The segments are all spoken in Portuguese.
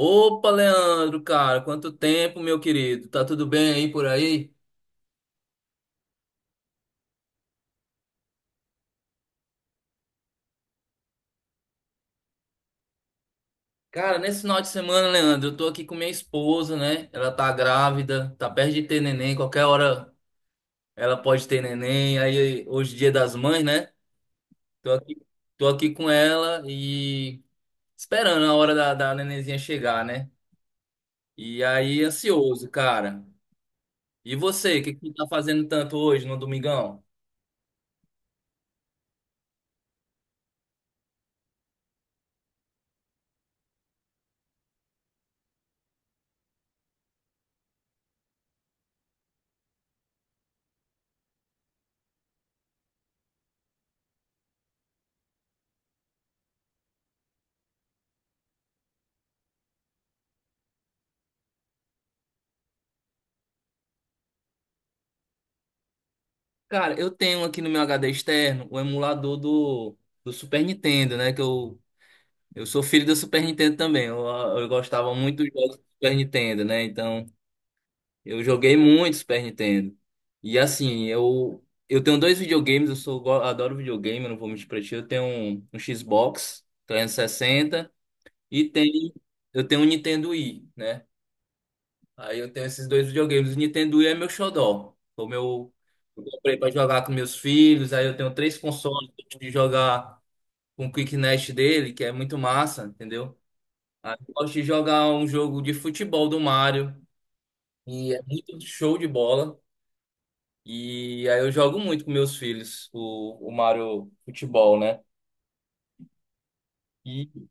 Opa, Leandro, cara, quanto tempo, meu querido? Tá tudo bem aí por aí? Cara, nesse final de semana, Leandro, eu tô aqui com minha esposa, né? Ela tá grávida, tá perto de ter neném, qualquer hora ela pode ter neném. Aí hoje é dia das mães, né? Tô aqui, tô aqui com ela e esperando a hora da nenenzinha chegar, né? E aí, ansioso, cara. E você, o que que tu tá fazendo tanto hoje no domingão? Cara, eu tenho aqui no meu HD externo o emulador do Super Nintendo, né? Eu sou filho do Super Nintendo também. Eu gostava muito dos jogos do Super Nintendo, né? Então, eu joguei muito Super Nintendo. E assim, eu tenho dois videogames, adoro videogame, eu não vou mentir pra ti. Eu tenho um Xbox 360 e sessenta e tem, eu tenho um Nintendo Wii, né? Aí eu tenho esses dois videogames. O Nintendo Wii é meu xodó. Foi o meu. Eu comprei pra jogar com meus filhos. Aí eu tenho três consoles. Eu gosto de jogar com o Quick Nest dele, que é muito massa, entendeu? Aí eu gosto de jogar um jogo de futebol do Mario. E é muito show de bola. E aí eu jogo muito com meus filhos o Mario Futebol, né? E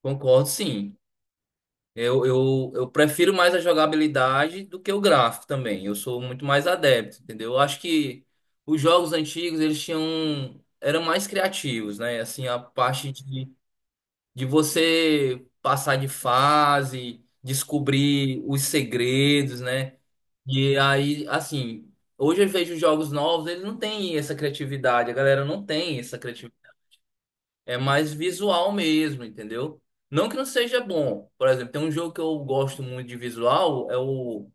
concordo, sim. Eu prefiro mais a jogabilidade do que o gráfico também. Eu sou muito mais adepto, entendeu? Eu acho que os jogos antigos, eles tinham eram mais criativos, né? Assim, de você passar de fase, descobrir os segredos, né? E aí, assim, hoje eu vejo os jogos novos, eles não têm essa criatividade. A galera não tem essa é mais visual mesmo, entendeu? Não que não seja bom. Por exemplo, tem um jogo que eu gosto muito de visual, é o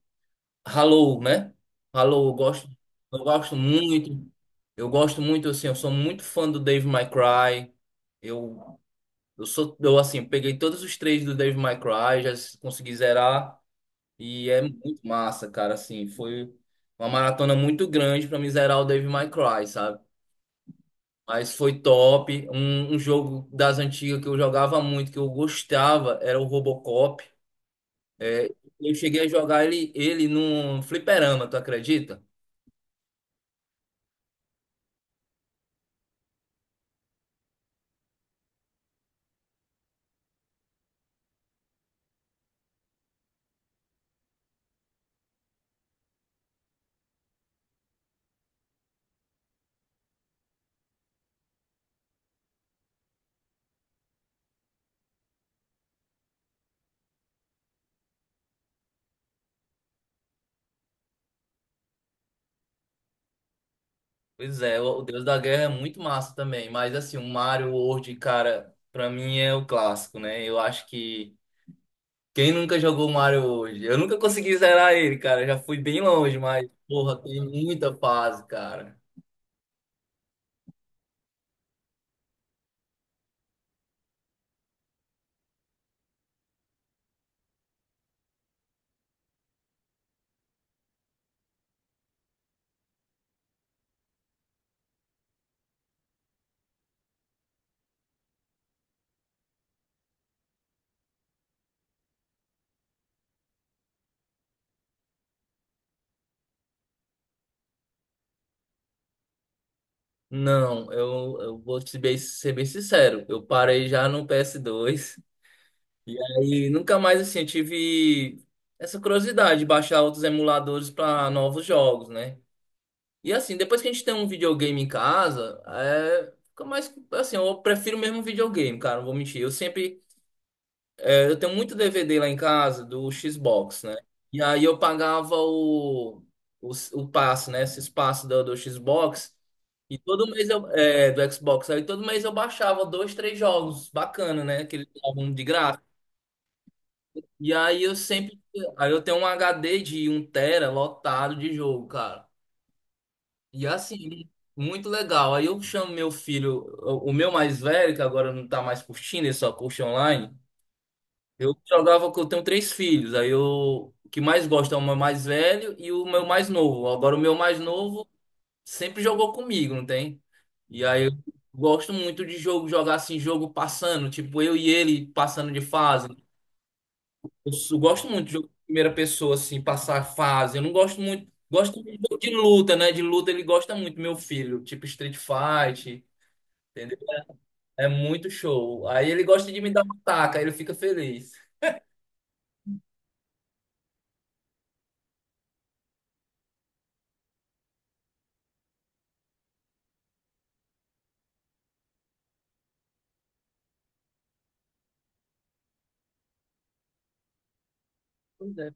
Halo, né? Halo, eu gosto muito. Eu gosto muito, assim, eu sou muito fã do Dave May Cry. Eu, assim, peguei todos os três do Dave May Cry, já consegui zerar. E é muito massa, cara, assim, foi uma maratona muito grande pra me zerar o Dave May Cry, sabe? Mas foi top. Um jogo das antigas que eu jogava muito, que eu gostava, era o Robocop. Eu cheguei a jogar ele, ele num fliperama, tu acredita? Pois é, o Deus da Guerra é muito massa também. Mas assim, o Mario World, cara, pra mim é o clássico, né? Eu acho que quem nunca jogou Mario World? Eu nunca consegui zerar ele, cara. Eu já fui bem longe, mas, porra, tem muita fase, cara. Não, eu vou te bem- ser bem sincero. Eu parei já no PS2. E aí, nunca mais assim, eu tive essa curiosidade de baixar outros emuladores para novos jogos, né? E assim, depois que a gente tem um videogame em casa, é. Fica mais. Assim, eu prefiro mesmo um videogame, cara, não vou mentir. Eu sempre. É, eu tenho muito DVD lá em casa do Xbox, né? E aí eu pagava o. O passe, né? Esse espaço do Xbox. E todo mês eu. É, do Xbox. Aí todo mês eu baixava dois, três jogos. Bacana, né? Aquele álbum de graça. E aí eu sempre. Aí eu tenho um HD de um tera lotado de jogo, cara. E assim, muito legal. Aí eu chamo meu filho, o meu mais velho, que agora não tá mais curtindo, ele só curte online. Eu jogava que eu tenho três filhos. Aí eu. O que mais gosta é o meu mais velho e o meu mais novo. Agora o meu mais novo sempre jogou comigo, não tem? E aí eu gosto muito de jogo, jogar assim, jogo passando, tipo eu e ele passando de fase. Gosto muito de jogo de primeira pessoa, assim, passar a fase. Eu não gosto muito. Gosto muito de jogo de luta, né? De luta ele gosta muito, meu filho. Tipo Street Fight, entendeu? É muito show. Aí ele gosta de me dar uma taca, aí ele fica feliz. Pois é,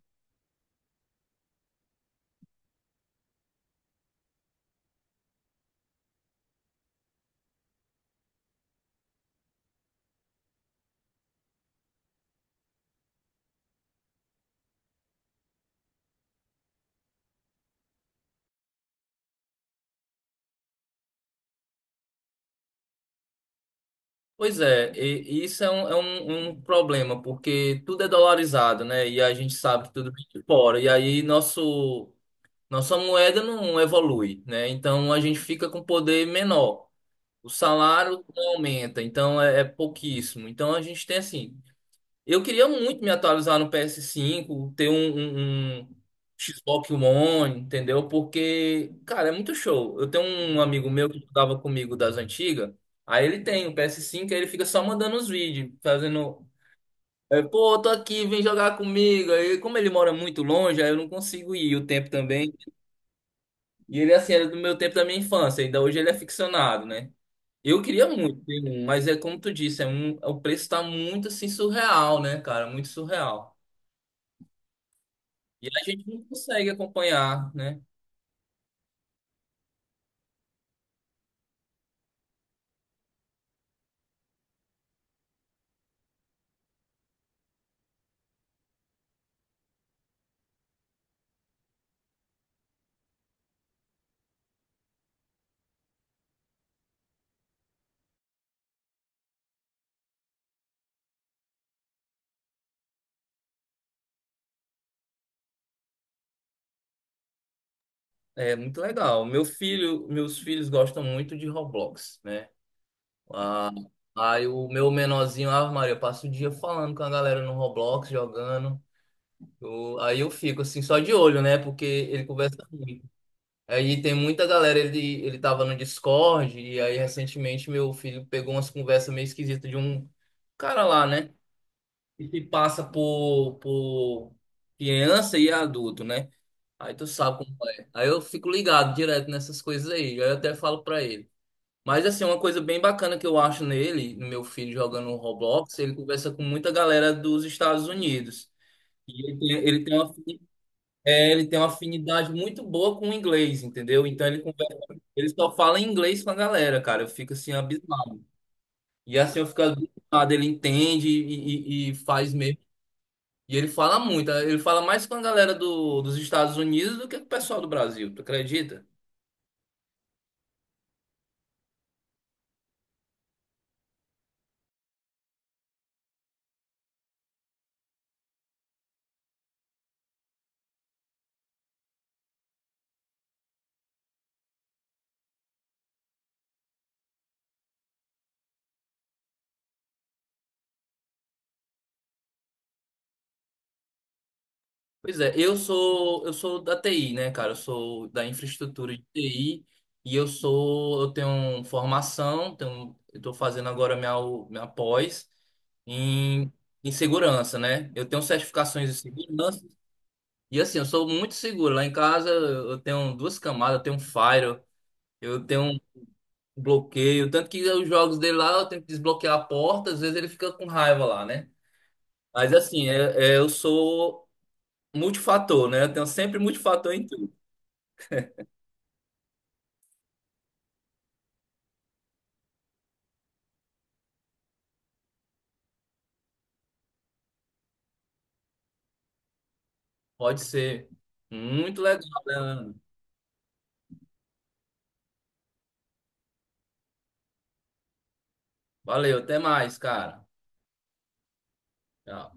Pois é, e isso é um problema, porque tudo é dolarizado, né? E a gente sabe que tudo vem de fora. E aí nossa moeda não evolui, né? Então a gente fica com poder menor. O salário não aumenta, então é pouquíssimo. Então a gente tem assim. Eu queria muito me atualizar no PS5, ter um Xbox One, entendeu? Porque, cara, é muito show. Eu tenho um amigo meu que jogava comigo das antigas, aí ele tem o PS5, aí ele fica só mandando os vídeos, fazendo. É, Pô, eu tô aqui, vem jogar comigo. Aí, como ele mora muito longe, aí eu não consigo ir o tempo também. E ele, assim, era do meu tempo da minha infância, ainda hoje ele é ficcionado, né? Eu queria muito ter um, mas é como tu disse, o preço tá muito assim surreal, né, cara? Muito surreal. E a gente não consegue acompanhar, né? É muito legal. Meu filho, meus filhos gostam muito de Roblox, né? Ah, aí o meu menorzinho, Ave Maria, passa o dia falando com a galera no Roblox, jogando. Aí eu fico assim, só de olho, né? Porque ele conversa muito. Aí tem muita galera, ele tava no Discord, e aí recentemente meu filho pegou umas conversas meio esquisitas de um cara lá, né? E que passa por criança e adulto, né? Aí tu sabe como é. Aí eu fico ligado direto nessas coisas aí, aí eu até falo pra ele. Mas assim, uma coisa bem bacana que eu acho nele, no meu filho jogando Roblox, ele conversa com muita galera dos Estados Unidos. E ele tem uma, é, ele tem uma afinidade muito boa com o inglês, entendeu? Então ele conversa ele só fala em inglês com a galera, cara. Eu fico assim abismado. E assim eu fico abismado. Ele entende e faz mesmo. E ele fala muito. Ele fala mais com a galera dos Estados Unidos do que com o pessoal do Brasil. Tu acredita? Pois é, eu sou da TI, né, cara? Eu sou da infraestrutura de TI e eu tenho formação, tenho, eu tô fazendo agora minha minha pós em, em segurança, né? Eu tenho certificações de segurança E assim, eu sou muito seguro. Lá em casa eu tenho duas camadas, eu tenho um firewall, eu tenho um bloqueio. Tanto que os jogos dele lá eu tenho que desbloquear a porta, às vezes ele fica com raiva lá, né? Mas assim, eu sou multifator, né? Eu tenho sempre multifator em tudo. Pode ser. Muito legal, né, Leandro. Valeu, até mais, cara. Tchau.